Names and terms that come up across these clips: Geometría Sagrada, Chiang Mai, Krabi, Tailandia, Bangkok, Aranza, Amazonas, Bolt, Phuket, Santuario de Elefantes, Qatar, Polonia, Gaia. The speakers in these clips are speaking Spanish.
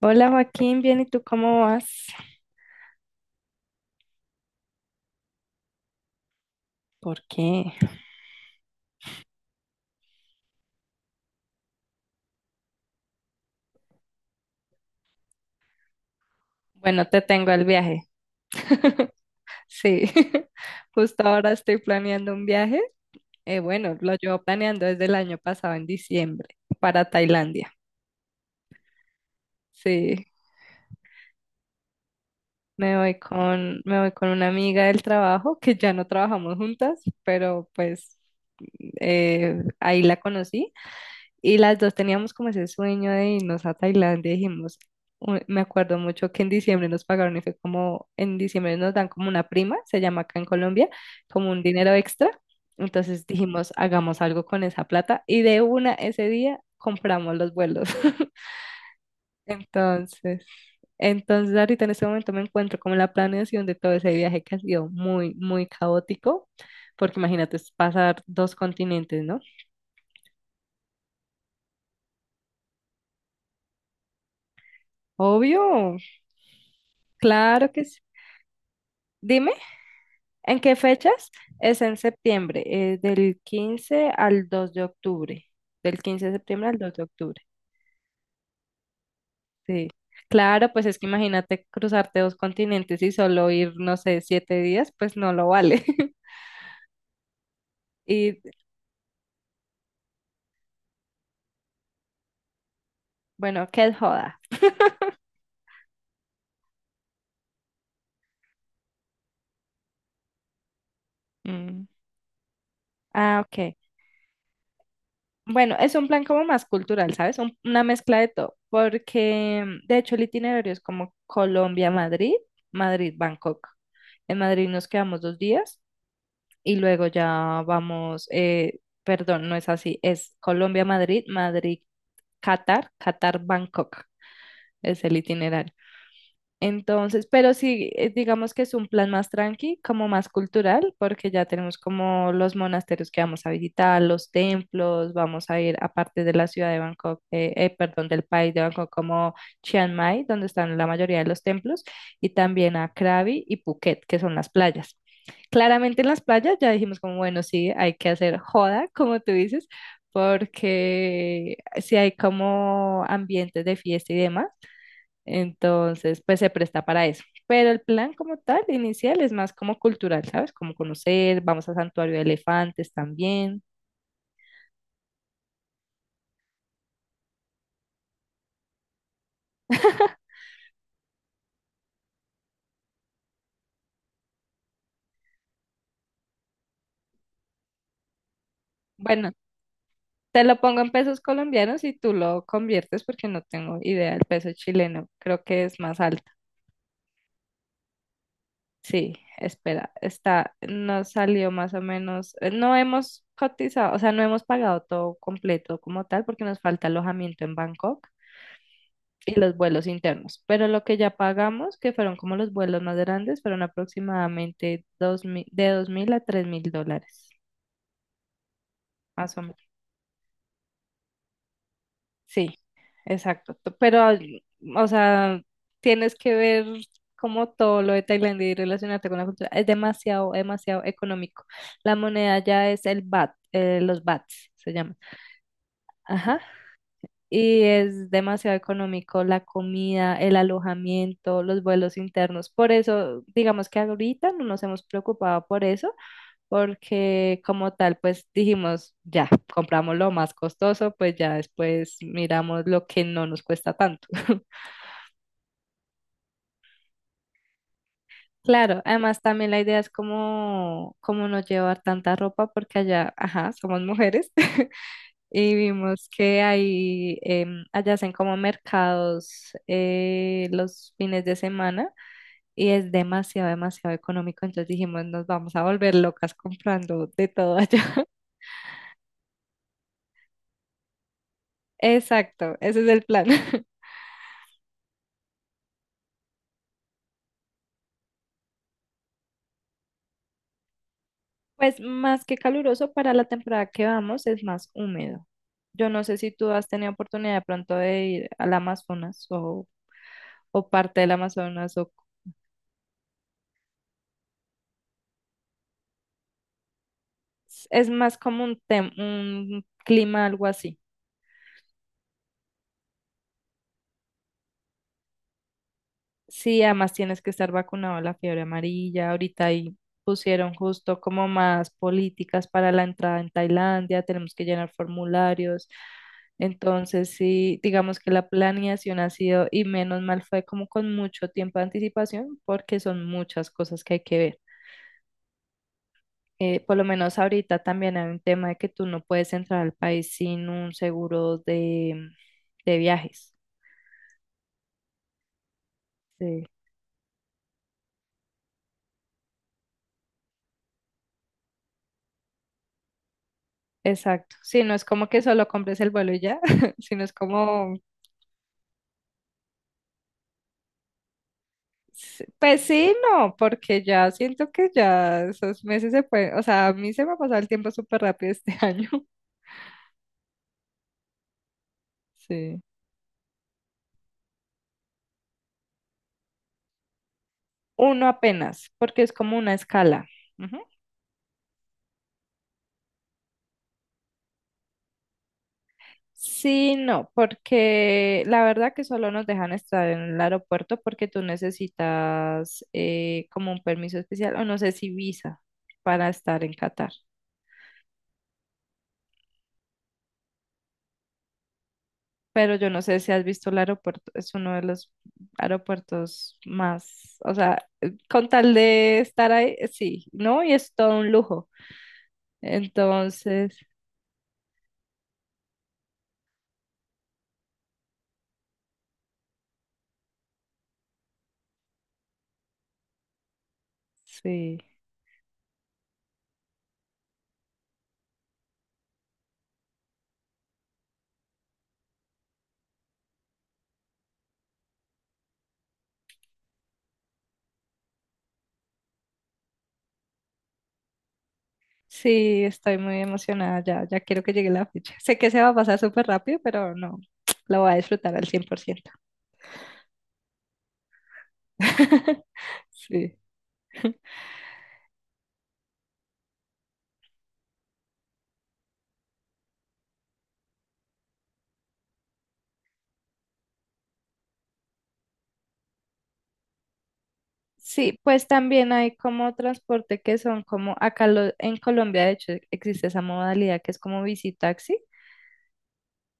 Hola Joaquín, bien, ¿y tú cómo vas? ¿Por qué? Bueno, te tengo el viaje. Sí, justo ahora estoy planeando un viaje. Bueno, lo llevo planeando desde el año pasado, en diciembre, para Tailandia. Sí, me voy con una amiga del trabajo, que ya no trabajamos juntas, pero pues ahí la conocí. Y las dos teníamos como ese sueño de irnos a Tailandia. Dijimos, me acuerdo mucho que en diciembre nos pagaron y fue como, en diciembre nos dan como una prima, se llama acá en Colombia, como un dinero extra. Entonces dijimos, hagamos algo con esa plata. Y de una ese día compramos los vuelos. Entonces, entonces ahorita en este momento me encuentro como en la planeación de todo ese viaje que ha sido muy, muy caótico, porque imagínate, es pasar dos continentes, ¿no? Obvio, claro que sí. Dime, ¿en qué fechas? Es en septiembre, del 15 al 2 de octubre. Del 15 de septiembre al 2 de octubre. Sí. Claro, pues es que imagínate cruzarte dos continentes y solo ir, no sé, 7 días, pues no lo vale. Y bueno, qué joda. Mm. Ah, ok. Bueno, es un plan como más cultural, ¿sabes? Una mezcla de todo, porque de hecho el itinerario es como Colombia-Madrid, Madrid-Bangkok. En Madrid nos quedamos 2 días y luego ya vamos, perdón, no es así, es Colombia-Madrid, Madrid-Qatar, Qatar-Bangkok es el itinerario. Entonces, pero sí, digamos que es un plan más tranqui, como más cultural, porque ya tenemos como los monasterios que vamos a visitar, los templos, vamos a ir aparte de la ciudad de Bangkok, perdón, del país de Bangkok, como Chiang Mai, donde están la mayoría de los templos, y también a Krabi y Phuket, que son las playas. Claramente en las playas ya dijimos como, bueno, sí, hay que hacer joda, como tú dices, porque si hay como ambientes de fiesta y demás entonces, pues se presta para eso. Pero el plan como tal, inicial, es más como cultural, ¿sabes? Como conocer, vamos a Santuario de Elefantes también. Bueno, te lo pongo en pesos colombianos y tú lo conviertes porque no tengo idea del peso chileno. Creo que es más alto. Sí, espera, está, nos salió más o menos, no hemos cotizado, o sea, no hemos pagado todo completo como tal porque nos falta alojamiento en Bangkok. Y los vuelos internos. Pero lo que ya pagamos, que fueron como los vuelos más grandes, fueron aproximadamente 2.000, de 2.000 a US$3.000, más o menos. Sí, exacto. Pero, ay, o sea, tienes que ver como todo lo de Tailandia y relacionarte con la cultura. Es demasiado, demasiado económico. La moneda ya es el baht, los bahts se llaman. Ajá. Y es demasiado económico la comida, el alojamiento, los vuelos internos. Por eso, digamos que ahorita no nos hemos preocupado por eso, porque como tal, pues dijimos, ya, compramos lo más costoso, pues ya después miramos lo que no nos cuesta tanto. Claro, además también la idea es como, como no llevar tanta ropa, porque allá, ajá, somos mujeres. Y vimos que ahí allá hacen como mercados los fines de semana y es demasiado, demasiado económico. Entonces dijimos, nos vamos a volver locas comprando de todo allá. Exacto, ese es el plan. Pues más que caluroso para la temporada que vamos, es más húmedo. Yo no sé si tú has tenido oportunidad de pronto de ir al Amazonas o parte del Amazonas o es más como un, un clima algo así. Sí, además tienes que estar vacunado de la fiebre amarilla. Ahorita ahí pusieron justo como más políticas para la entrada en Tailandia, tenemos que llenar formularios. Entonces, sí, digamos que la planeación ha sido, y menos mal fue como con mucho tiempo de anticipación, porque son muchas cosas que hay que ver. Por lo menos ahorita también hay un tema de que tú no puedes entrar al país sin un seguro de viajes. Exacto. Sí, no es como que solo compres el vuelo y ya, sino es como, pues sí, no, porque ya siento que ya esos meses se pueden, o sea, a mí se me ha pasado el tiempo súper rápido este año. Sí. Uno apenas, porque es como una escala. Ujú. Sí, no, porque la verdad que solo nos dejan estar en el aeropuerto porque tú necesitas como un permiso especial, o no sé si visa para estar en Qatar. Pero yo no sé si has visto el aeropuerto, es uno de los aeropuertos más, o sea, con tal de estar ahí, sí, ¿no? Y es todo un lujo. Entonces, sí, sí, estoy muy emocionada ya, ya quiero que llegue la fecha. Sé que se va a pasar súper rápido, pero no, lo voy a disfrutar al 100%. Sí. Sí, pues también hay como transporte que son como acá en Colombia, de hecho, existe esa modalidad que es como bici,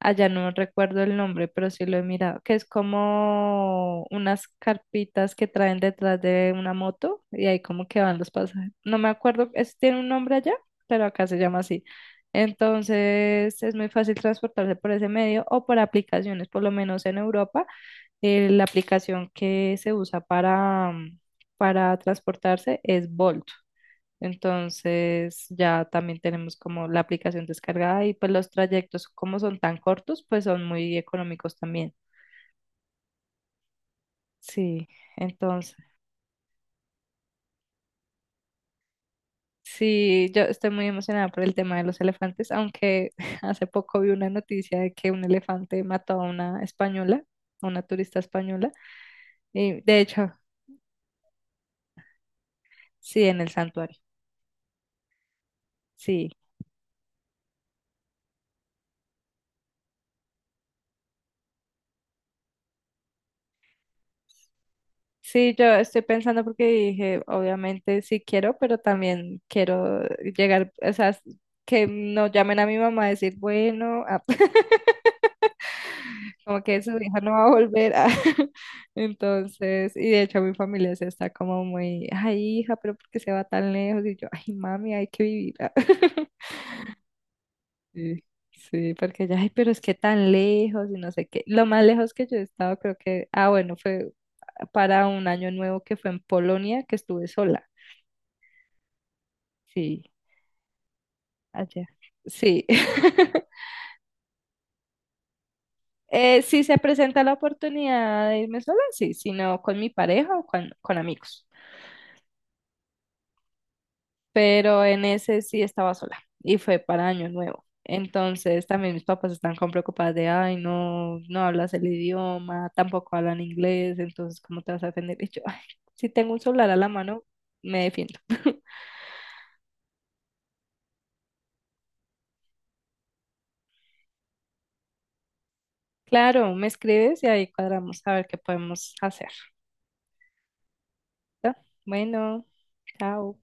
allá no recuerdo el nombre, pero sí lo he mirado, que es como unas carpitas que traen detrás de una moto y ahí como que van los pasajeros. No me acuerdo, es, tiene un nombre allá, pero acá se llama así. Entonces es muy fácil transportarse por ese medio o por aplicaciones, por lo menos en Europa, la aplicación que se usa para, para transportarse es Bolt. Entonces ya también tenemos como la aplicación descargada y pues los trayectos como son tan cortos, pues son muy económicos también. Sí, entonces sí, yo estoy muy emocionada por el tema de los elefantes, aunque hace poco vi una noticia de que un elefante mató a una española, a una turista española, y de hecho, sí, en el santuario, sí. Sí, yo estoy pensando porque dije, obviamente sí quiero, pero también quiero llegar, o sea, que no llamen a mi mamá a decir, bueno, ah, como que su hija no va a volver. Ah. Entonces, y de hecho mi familia se está como muy, ay, hija, pero ¿por qué se va tan lejos? Y yo, ay, mami, hay que vivir. Ah. Sí, sí, porque ya, ay, pero es que tan lejos y no sé qué. Lo más lejos que yo he estado, creo que, ah, bueno, fue para un año nuevo que fue en Polonia, que estuve sola. Sí. Allá. Sí. Si se presenta la oportunidad de irme sola, sí, sino con mi pareja o con amigos. Pero en ese sí estaba sola y fue para Año Nuevo. Entonces también mis papás están con preocupadas de, ay, no, no hablas el idioma, tampoco hablan inglés, entonces ¿cómo te vas a defender? Y yo, ay, si tengo un celular a la mano, me defiendo. Claro, me escribes y ahí cuadramos a ver qué podemos hacer. Bueno, chao.